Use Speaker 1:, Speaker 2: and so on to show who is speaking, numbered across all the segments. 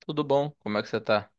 Speaker 1: Tudo bom? Como é que você tá?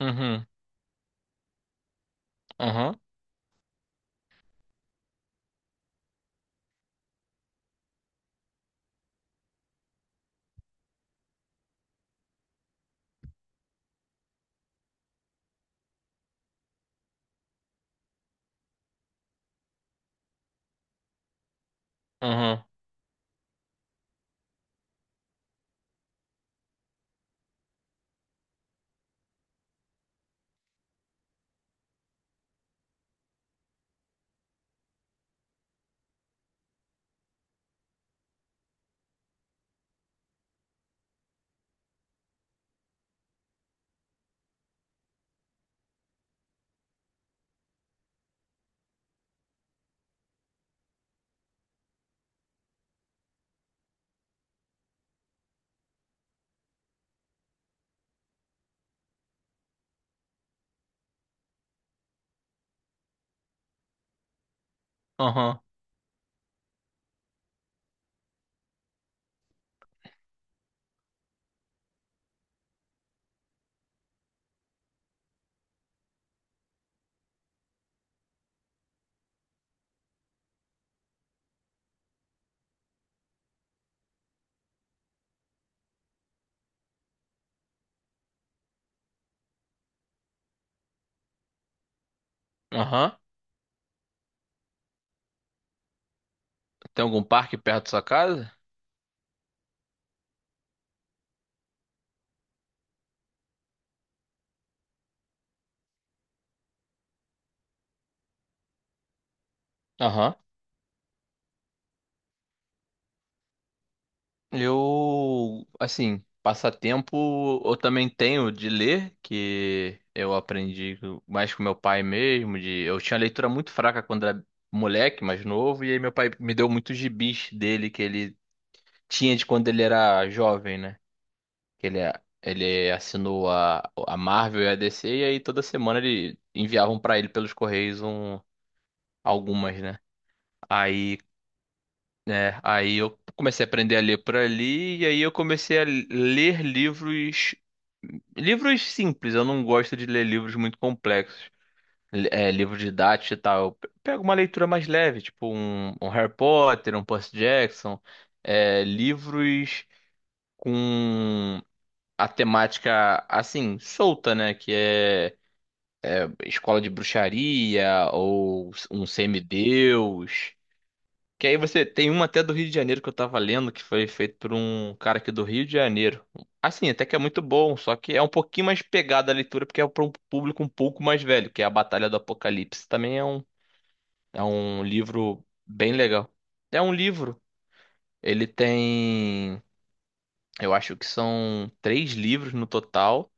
Speaker 1: Uhum, uhum, uhum, uhum, uhum. Tem algum parque perto da sua casa? Aham. Eu, assim, passatempo eu também tenho de ler, que eu aprendi mais com meu pai mesmo, de eu tinha leitura muito fraca quando era moleque, mais novo, e aí meu pai me deu muitos gibis dele que ele tinha de quando ele era jovem, né? que Ele, ele assinou a Marvel e a DC, e aí toda semana ele enviavam pra ele pelos Correios algumas, né? Aí, né, aí eu comecei a aprender a ler por ali, e aí eu comecei a ler livros, livros simples, eu não gosto de ler livros muito complexos. É, livro didático e tal. Eu pego uma leitura mais leve, tipo um Harry Potter, um Percy Jackson, livros com a temática assim, solta, né? Que é escola de bruxaria ou um semideus. Que aí você tem uma até do Rio de Janeiro que eu tava lendo, que foi feito por um cara aqui do Rio de Janeiro. Assim, até que é muito bom, só que é um pouquinho mais pegada a leitura, porque é para um público um pouco mais velho, que é A Batalha do Apocalipse. Também é é um livro bem legal. É um livro. Ele tem, eu acho que são três livros no total.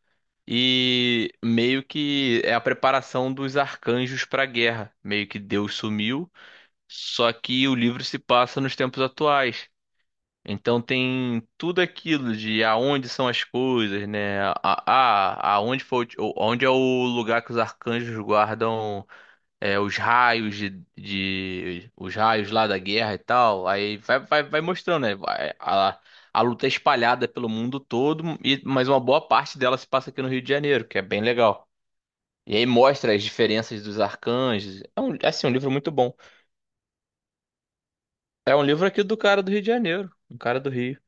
Speaker 1: E meio que é a preparação dos arcanjos para a guerra. Meio que Deus sumiu, só que o livro se passa nos tempos atuais. Então tem tudo aquilo de aonde são as coisas, né? Aonde foi, onde é o lugar que os arcanjos guardam os raios os raios lá da guerra e tal. Aí vai, vai, vai mostrando, né? A luta é espalhada pelo mundo todo, mas uma boa parte dela se passa aqui no Rio de Janeiro, que é bem legal. E aí mostra as diferenças dos arcanjos. É, assim, um livro muito bom. É um livro aqui do cara do Rio de Janeiro, um cara do Rio.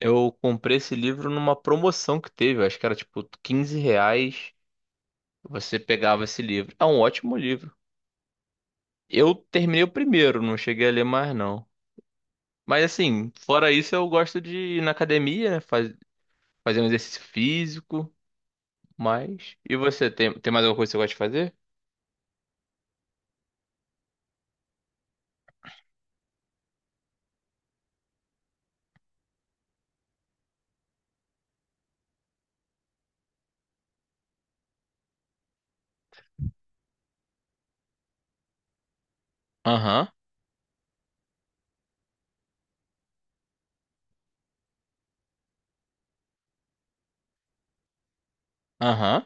Speaker 1: Eu comprei esse livro numa promoção que teve, eu acho que era tipo 15 reais. Você pegava esse livro. É um ótimo livro. Eu terminei o primeiro, não cheguei a ler mais não. Mas assim, fora isso, eu gosto de ir na academia, né? fazer um exercício físico, mas. E você, tem mais alguma coisa que você gosta de fazer? Aham, aham,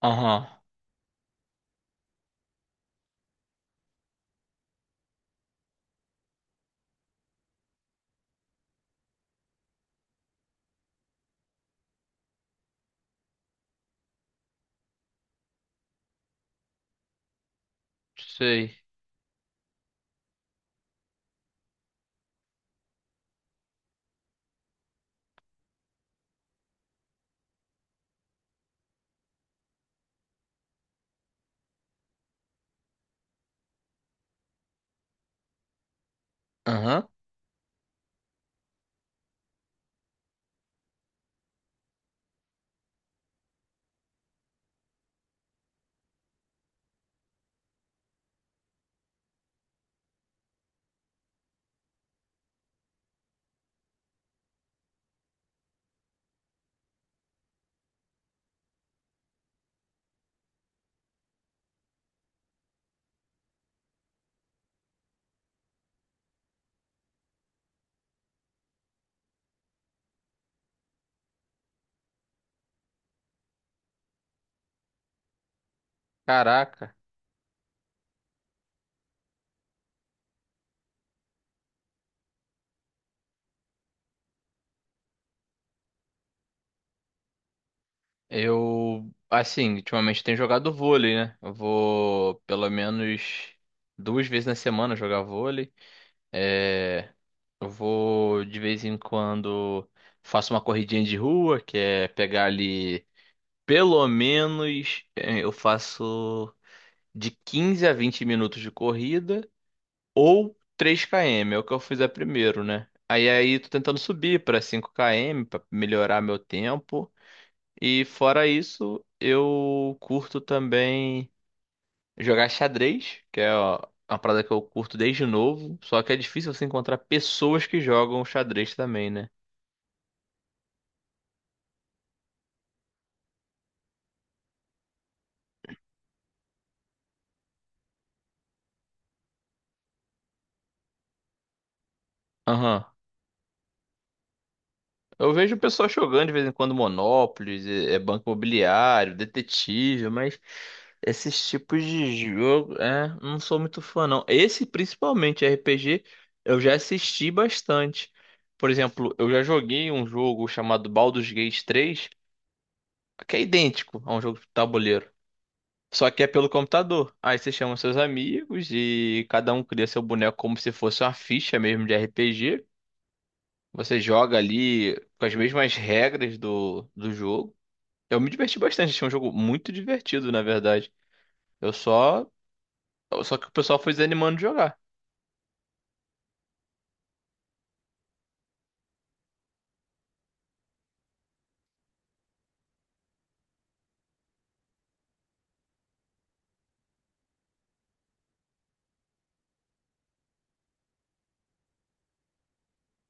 Speaker 1: aham. Sei. Aham. Caraca. Eu, assim, ultimamente tenho jogado vôlei, né? Eu vou pelo menos duas vezes na semana jogar vôlei. É, eu vou de vez em quando faço uma corridinha de rua, que é pegar ali. Pelo menos eu faço de 15 a 20 minutos de corrida ou 3 km, é o que eu fiz a primeiro, né? Aí tô tentando subir para 5 km para melhorar meu tempo. E fora isso, eu curto também jogar xadrez, que é ó, uma parada que eu curto desde novo, só que é difícil você encontrar pessoas que jogam xadrez também, né? Aham. Eu vejo o pessoal jogando de vez em quando Monopoly, é Banco Imobiliário, Detetive, mas esses tipos de jogo, é, não sou muito fã não. Esse principalmente RPG, eu já assisti bastante. Por exemplo, eu já joguei um jogo chamado Baldur's Gate 3 que é idêntico a um jogo de tabuleiro, só que é pelo computador. Aí você chama seus amigos e cada um cria seu boneco como se fosse uma ficha mesmo de RPG. Você joga ali com as mesmas regras do jogo. Eu me diverti bastante, achei um jogo muito divertido, na verdade. Eu só. Só que o pessoal foi desanimando de jogar.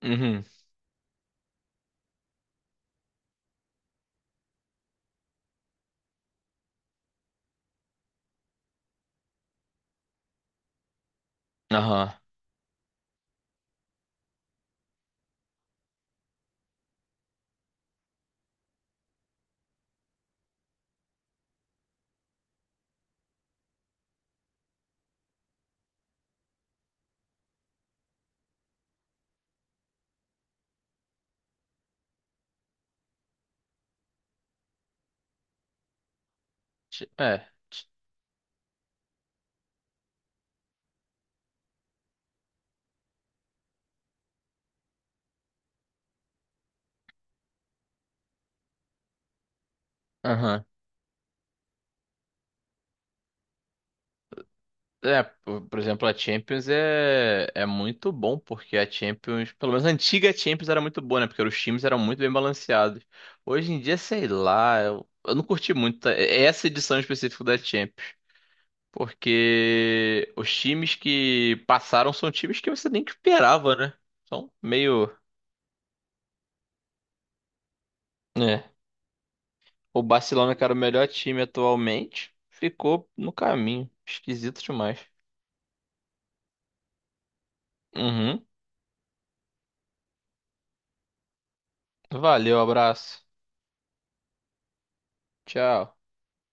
Speaker 1: Uhum. Aham. É. ti- Aham. É, por exemplo, a Champions é muito bom, porque a Champions, pelo menos a antiga Champions era muito boa, né? Porque os times eram muito bem balanceados. Hoje em dia, sei lá, eu não curti muito tá? Essa edição específica da Champions. Porque os times que passaram são times que você nem esperava, né? São meio. É. O Barcelona, que era o melhor time atualmente, ficou no caminho. Esquisito demais. Uhum. Valeu, abraço. Tchau.